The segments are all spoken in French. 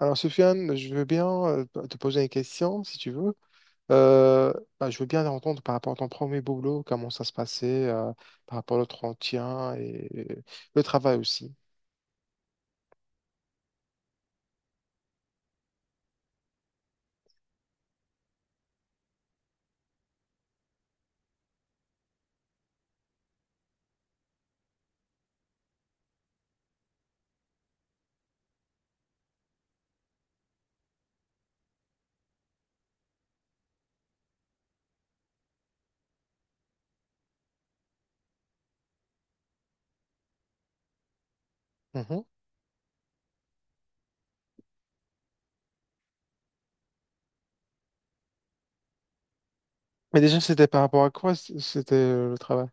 Alors, Sofiane, je veux bien te poser une question, si tu veux. Euh, je veux bien entendre par rapport à ton premier boulot, comment ça se passait, par rapport à l'entretien et le travail aussi. Mhm. Mais déjà, c'était par rapport à quoi c'était le travail?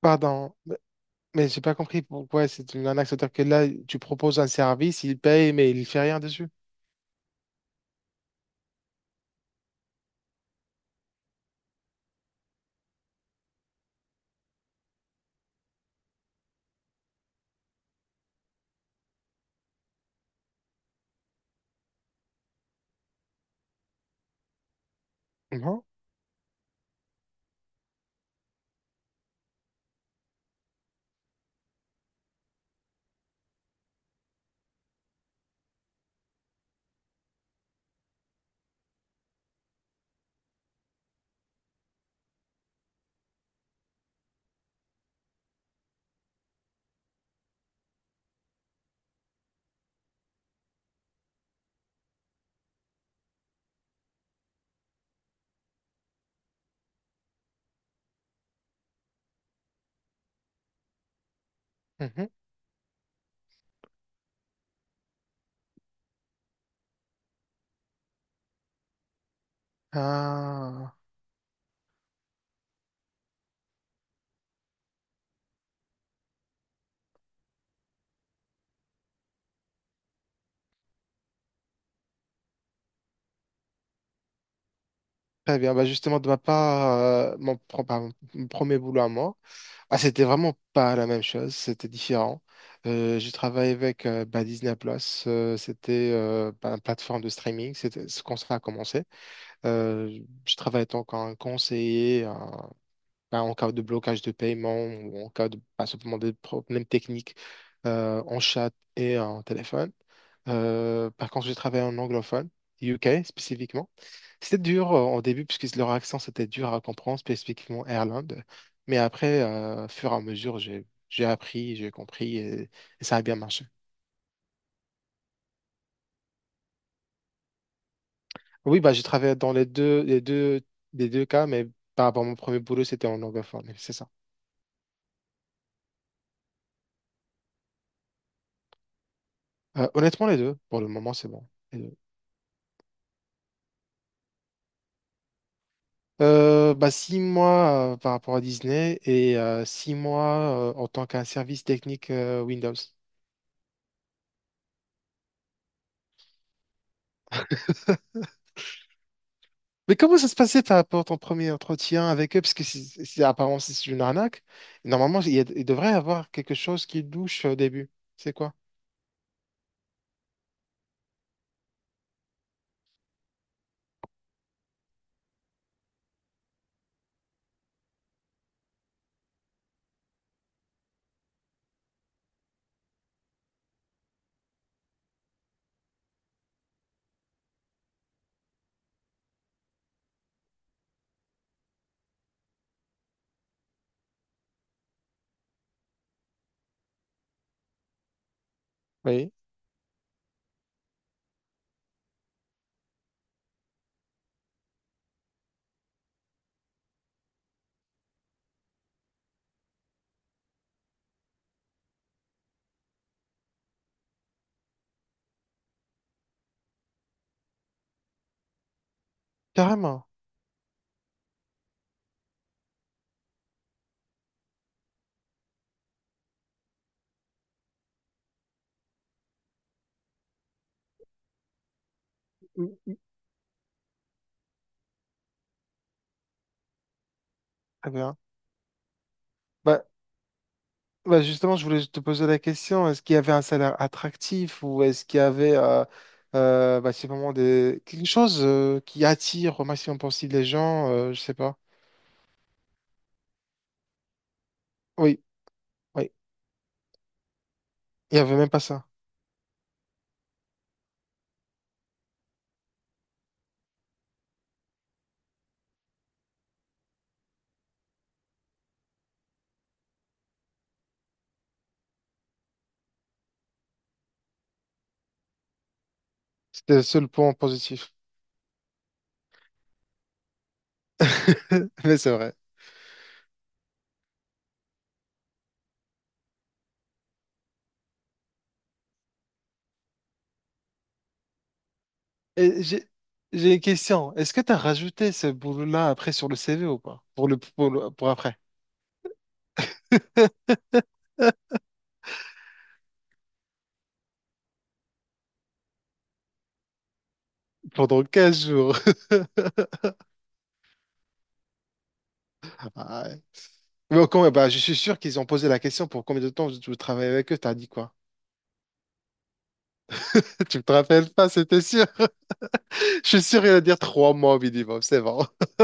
Pardon, mais j'ai pas compris pourquoi c'est une arnaque. C'est-à-dire que là, tu proposes un service, il paye, mais il fait rien dessus. Non? Mhm. Ah, très bien. Bah justement, de ma part, pardon, mon premier boulot à moi, ah, c'était vraiment pas la même chose, c'était différent. J'ai travaillé avec Disney+, Plus, c'était une plateforme de streaming, c'était ce qu'on ça a commencé. Euh, je travaillais en tant qu'un conseiller, bah, en cas de blocage de paiement ou en cas de bah, simplement des problèmes techniques en chat et en téléphone. Par contre, j'ai travaillé en anglophone, UK spécifiquement. C'était dur au début puisque leur accent c'était dur à comprendre, spécifiquement Ireland. Mais après, au fur et à mesure, j'ai appris, j'ai compris et ça a bien marché. Oui, bah, j'ai travaillé dans les deux, les deux, les deux cas, mais par rapport à mon premier boulot, c'était en anglophone. C'est ça. Honnêtement, les deux, pour le moment, c'est bon. Six mois par rapport à Disney et six mois en tant qu'un service technique Windows. Mais comment ça se passait par rapport à ton premier entretien avec eux? Parce que apparemment c'est une arnaque. Normalement, il devrait y avoir quelque chose qui douche au début. C'est quoi? Oui. Carrément. Mm. Très bien. Bah, bah, justement, je voulais te poser la question, est-ce qu'il y avait un salaire attractif ou est-ce qu'il y avait c'est vraiment quelque chose qui attire au maximum possible les gens, je sais pas. Oui. Ouais, il n'y avait même pas ça. C'était le seul point positif. Mais c'est vrai. Et j'ai une question. Est-ce que tu as rajouté ce boulot-là après sur le CV ou pas? Pour le, pour après. Pendant quinze jours. Ah ouais. Mais je suis sûr qu'ils ont posé la question pour combien de temps vous travaillez avec eux, t'as dit quoi? Tu te rappelles pas, c'était sûr. Je suis sûr qu'il va dire trois mois au minimum, c'est bon.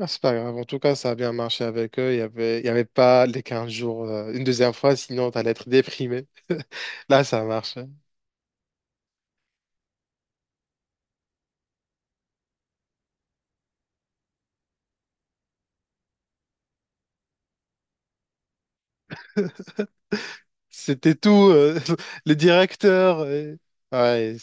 Ah, c'est pas grave, en tout cas, ça a bien marché avec eux. Il y avait pas les 15 jours, une deuxième fois, sinon t'allais être déprimé. Là, ça marche. C'était tout, le directeur. Et ouais,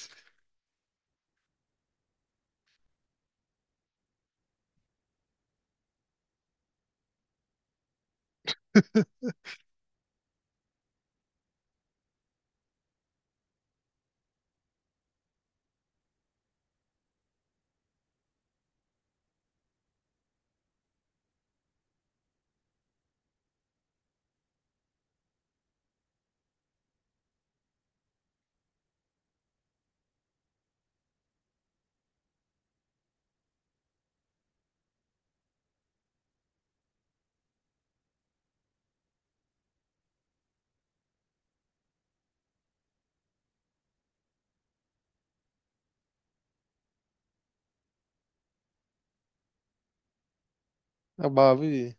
ah bah oui.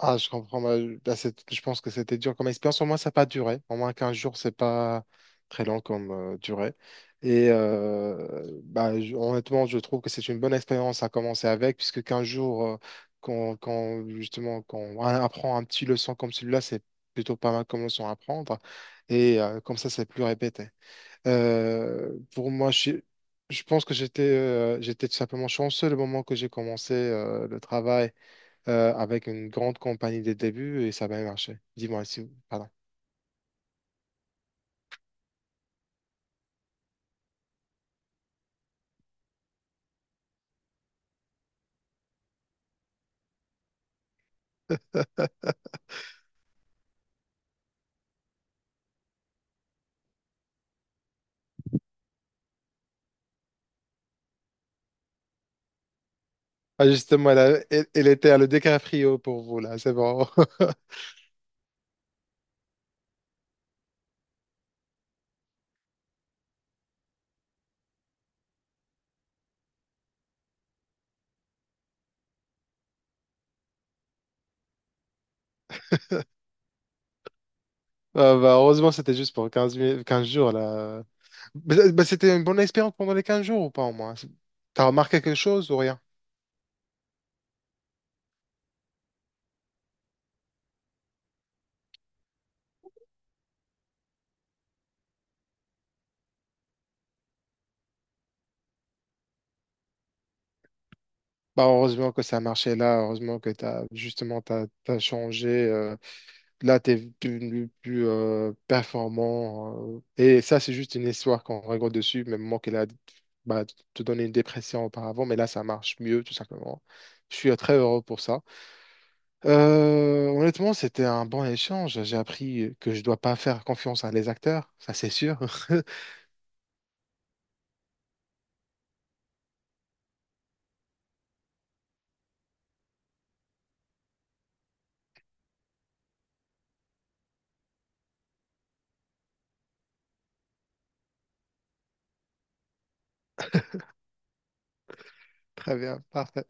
Ah, je comprends. Je pense que c'était dur comme expérience. Au moins, ça n'a pas duré. Au moins, 15 jours, c'est pas très long comme durée. Et honnêtement, je trouve que c'est une bonne expérience à commencer avec, puisque 15 jours, justement, quand on apprend un petit leçon comme celui-là, c'est plutôt pas mal comme leçon à apprendre. Et comme ça, c'est plus répété. Pour moi, je, suis- Je pense que j'étais tout simplement chanceux le moment que j'ai commencé le travail avec une grande compagnie de début et ça a bien marché. Dis-moi si, pardon. Ah, justement, elle, elle était à le décaprio pour vous, là, c'est bon. Ah, bah, heureusement, c'était juste pour 15 jours, là. Bah, bah, c'était une bonne expérience pendant les 15 jours ou pas au moins? C'est- t'as remarqué quelque chose ou rien? Bah, heureusement que ça a marché là, heureusement que t'as changé. Là, tu es performant. Et ça, c'est juste une histoire qu'on rigole dessus, même moi qu'elle a bah, te donné une dépression auparavant, mais là, ça marche mieux, tout simplement. Je suis très heureux pour ça. Honnêtement, c'était un bon échange. J'ai appris que je dois pas faire confiance à les acteurs, ça c'est sûr. Très bien, parfait.